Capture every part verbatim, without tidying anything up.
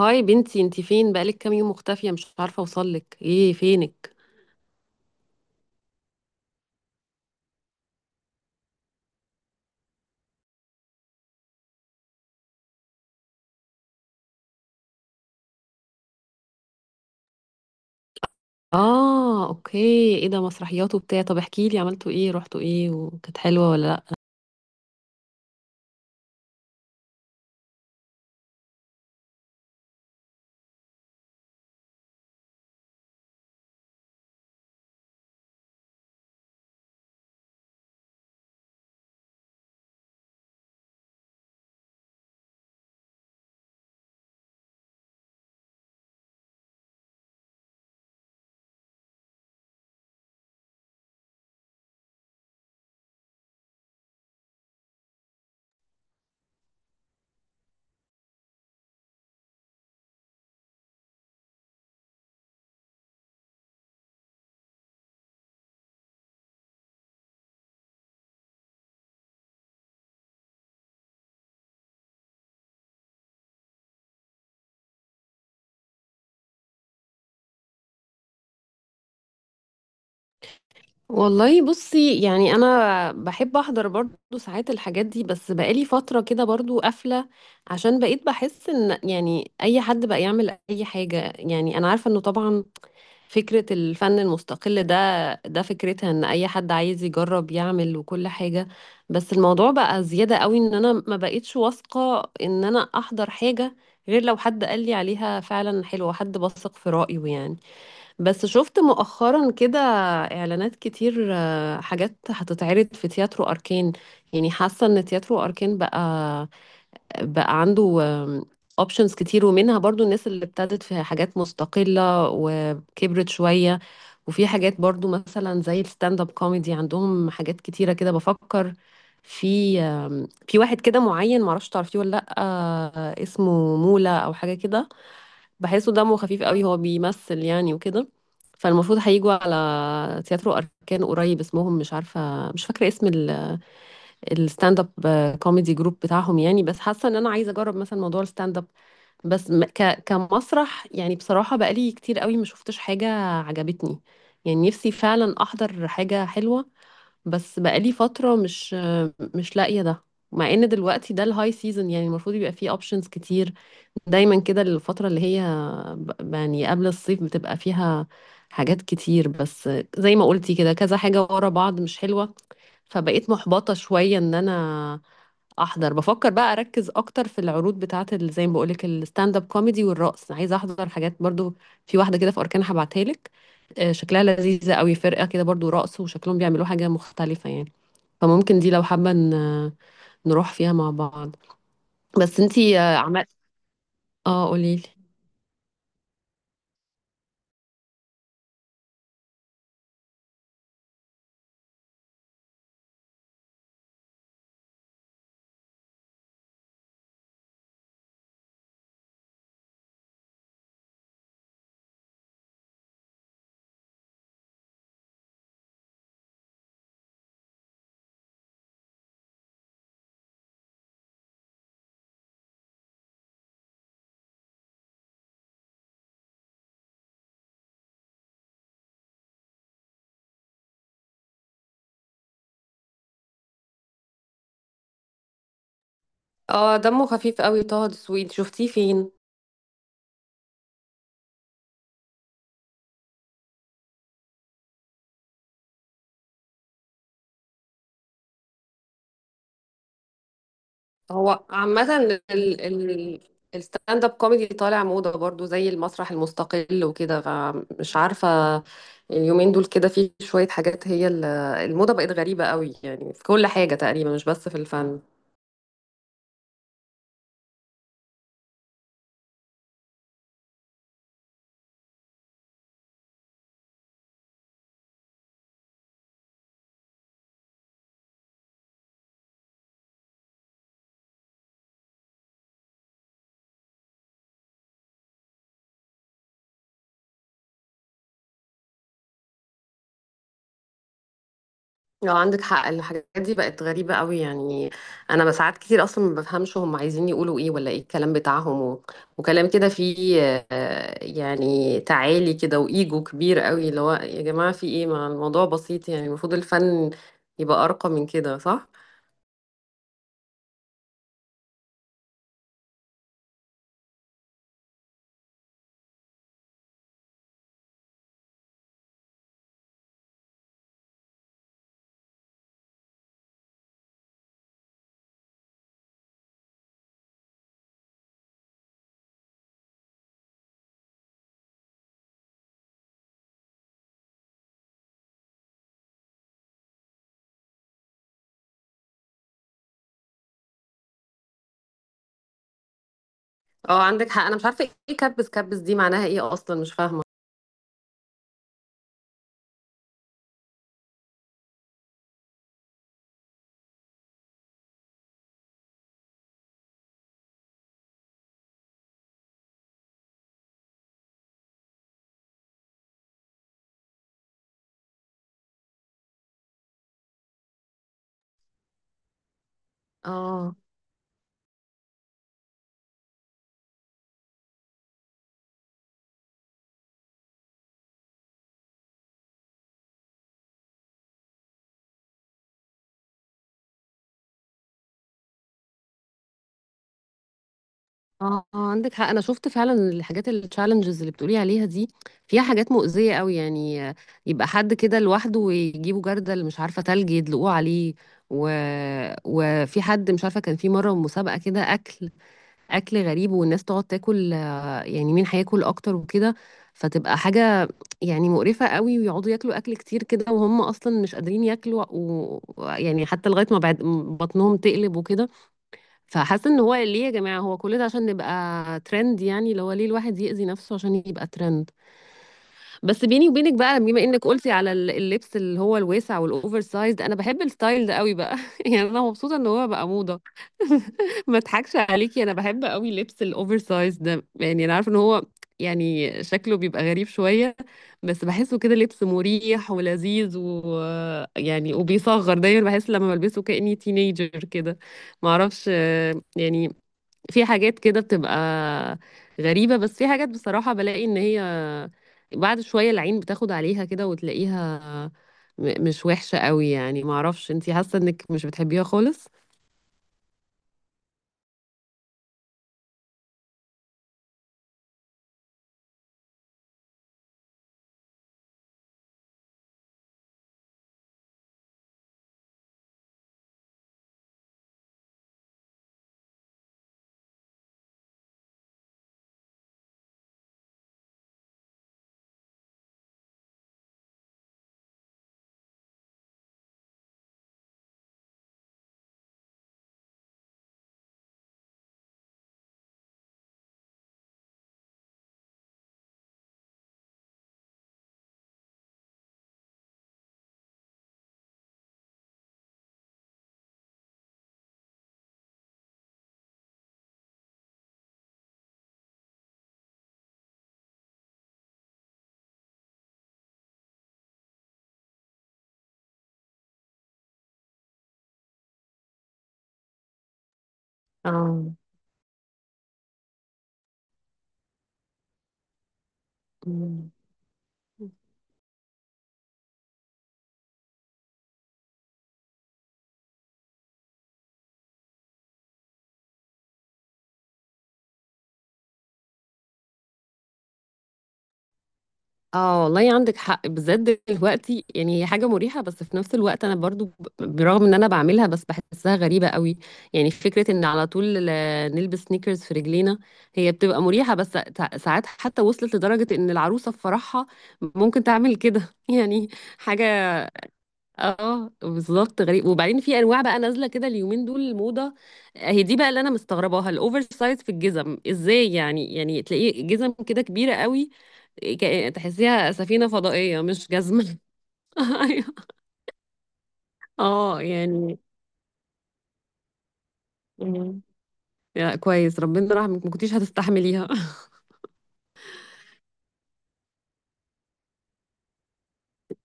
هاي بنتي، انتي فين؟ بقالك كام يوم مختفية، مش عارفة اوصلك. ايه فينك؟ اه، اوكي. ايه ده، مسرحيات وبتاع؟ طب احكي لي، عملتوا ايه؟ رحتوا ايه؟ وكانت حلوة ولا لا؟ والله بصي، يعني انا بحب احضر برضو ساعات الحاجات دي، بس بقالي فترة كده برضو قافلة، عشان بقيت بحس ان يعني اي حد بقى يعمل اي حاجة. يعني انا عارفة انه طبعا فكرة الفن المستقل ده ده فكرتها ان اي حد عايز يجرب يعمل وكل حاجة. بس الموضوع بقى زيادة قوي ان انا ما بقيتش واثقة ان انا احضر حاجة غير لو حد قال لي عليها فعلا حلوة، حد بثق في رأيه يعني. بس شفت مؤخرا كده اعلانات كتير، آه، حاجات هتتعرض في تياترو اركان. يعني حاسة ان تياترو اركان بقى بقى عنده اوبشنز كتير، ومنها برضو الناس اللي ابتدت في حاجات مستقلة وكبرت شوية. وفي حاجات برضو مثلا زي الستاند اب كوميدي، عندهم حاجات كتيرة كده. بفكر في في واحد كده معين، معرفش تعرفيه ولا لأ، آه، اسمه مولا أو حاجة كده. بحسه دمه خفيف قوي، هو بيمثل يعني وكده. فالمفروض هيجوا على تياترو أركان قريب. اسمهم مش عارفة، مش فاكرة اسم الستاند اب كوميدي جروب بتاعهم يعني. بس حاسه ان انا عايزه اجرب مثلا موضوع الستاند اب. بس م- ك كمسرح يعني، بصراحه بقالي كتير قوي ما شفتش حاجه عجبتني. يعني نفسي فعلا احضر حاجه حلوه، بس بقالي فتره مش مش لاقيه ده. مع ان دلوقتي ده الهاي سيزون، يعني المفروض يبقى فيه اوبشنز كتير. دايما كده الفتره اللي هي ب- يعني قبل الصيف بتبقى فيها حاجات كتير، بس زي ما قلتي كده كذا حاجه ورا بعض مش حلوه. فبقيت محبطه شويه ان انا احضر. بفكر بقى اركز اكتر في العروض بتاعه ال- زي ما بقولك الستاند اب كوميدي والرقص. عايزه احضر حاجات برضو في واحده كده في اركان، هبعتها لك. آه، شكلها لذيذه قوي، فرقه كده برضو رقص، وشكلهم بيعملوا حاجه مختلفه يعني. فممكن دي لو حابه ن- نروح فيها مع بعض. بس انتي، آه، عمال. اه، قوليلي. اه، دمه خفيف قوي طه دسوقي. شفتيه فين؟ هو عامة ال ال الستاند اب كوميدي طالع موضة برضو زي المسرح المستقل وكده، فمش عارفة. اليومين دول كده في شوية حاجات، هي ال- الموضة بقت غريبة قوي يعني في كل حاجة تقريبا مش بس في الفن. لو عندك حق، الحاجات دي بقت غريبة قوي يعني. أنا ساعات كتير أصلا ما بفهمش هم عايزين يقولوا إيه ولا إيه الكلام بتاعهم، و... وكلام كده فيه آه، يعني تعالي كده وإيجو كبير قوي، اللي هو يا جماعة في إيه؟ ما الموضوع بسيط يعني، المفروض الفن يبقى أرقى من كده، صح؟ اه، عندك حق. أنا مش عارفة إيه كبس كبس دي، معناها إيه أصلا، مش فاهمة. اه. اه، عندك حق، انا شفت فعلا الحاجات التشالنجز اللي بتقولي عليها دي فيها حاجات مؤذية قوي يعني. يبقى حد كده لوحده ويجيبوا جردل مش عارفة تلج يدلقوه عليه، و... وفي حد مش عارفة كان في مرة مسابقة كده، اكل اكل غريب، والناس تقعد تاكل يعني مين هياكل اكتر وكده. فتبقى حاجة يعني مقرفة قوي، ويقعدوا ياكلوا اكل كتير كده وهم اصلا مش قادرين ياكلوا. ويعني حتى لغاية ما بعد بطنهم تقلب وكده. فحاسه ان هو ليه يا جماعه؟ هو كل ده عشان نبقى ترند يعني؟ اللي هو ليه الواحد يأذي نفسه عشان يبقى ترند؟ بس بيني وبينك بقى، بما انك قلتي على ال- اللبس اللي هو الواسع والاوفر سايز، انا بحب الستايل ده قوي بقى يعني. انا مبسوطه ان هو بقى موضه. ما اضحكش عليكي، انا بحب قوي لبس الاوفر سايز ده. يعني انا عارفه ان هو يعني شكله بيبقى غريب شويه، بس بحسه كده لبس مريح ولذيذ، ويعني وبيصغر، دايما بحس لما بلبسه كأني تينيجر كده. معرفش، آه، يعني في حاجات كده بتبقى غريبة، بس في حاجات بصراحة بلاقي ان هي بعد شوية العين بتاخد عليها كده وتلاقيها م- مش وحشة قوي يعني. معرفش انتي حاسة انك مش بتحبيها خالص؟ اه. اه والله عندك حق، بالذات دلوقتي. يعني هي حاجة مريحة، بس في نفس الوقت انا برضو ب- برغم ان انا بعملها بس بحسها غريبة قوي. يعني فكرة ان على طول آه، نلبس سنيكرز في رجلينا، هي بتبقى مريحة، بس سا- ساعات حتى وصلت لدرجة ان العروسة في فرحها ممكن تعمل كده يعني حاجة. اه بالظبط، غريب. وبعدين في انواع بقى نازله كده اليومين دول، الموضه هي دي بقى اللي انا مستغرباها، الاوفر سايز في الجزم ازاي يعني. يعني تلاقيه جزم كده كبيره قوي، كأن- تحسيها سفينه فضائيه مش جزمه. أيوة. اه يعني. مم. يا كويس ربنا رحمك، ما كنتيش هتستحمليها.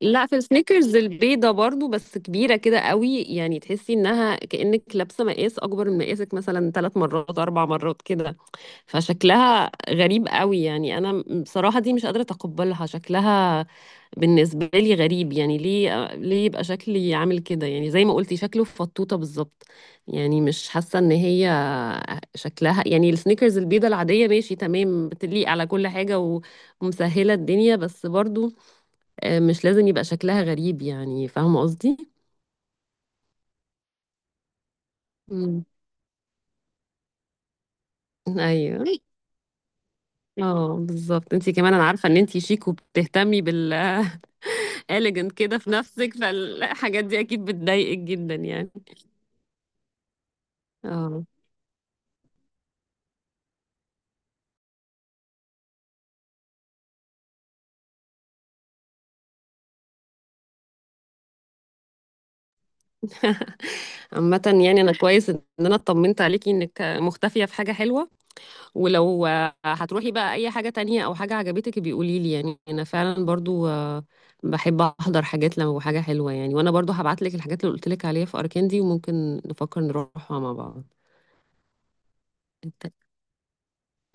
لا، في السنيكرز البيضه برضو بس كبيره كده قوي، يعني تحسي انها كانك لابسه مقاس اكبر من مقاسك مثلا ثلاث مرات اربع مرات كده. فشكلها غريب قوي يعني. انا بصراحة دي مش قادرة اتقبلها. شكلها بالنسبة لي غريب، يعني ليه؟ ليه يبقى شكلي عامل كده يعني زي ما قلتي شكله فطوطة بالظبط. يعني مش حاسة ان هي شكلها، يعني السنيكرز البيضة العادية ماشي تمام، بتليق على كل حاجة، و- ومسهلة الدنيا، بس برضو آه، مش لازم يبقى شكلها غريب. يعني فاهمة قصدي؟ مم. ايوه. اه بالظبط. انتي كمان انا عارفة ان انتي شيك وبتهتمي بال elegant كده في نفسك، فالحاجات دي اكيد بتضايقك جدا يعني. اه. عامة يعني انا كويس ان انا اطمنت عليكي انك مختفية في حاجة حلوة. ولو آه، هتروحي بقى اي حاجة تانية او حاجة عجبتك بيقولي لي. يعني انا فعلا برضو آه، بحب احضر حاجات لما حاجة حلوة يعني. وانا برضو هبعت لك الحاجات اللي قلت لك عليها في اركان دي، وممكن نفكر نروحها مع بعض. إنت-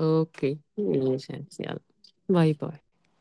اوكي ماشي. يلا باي باي.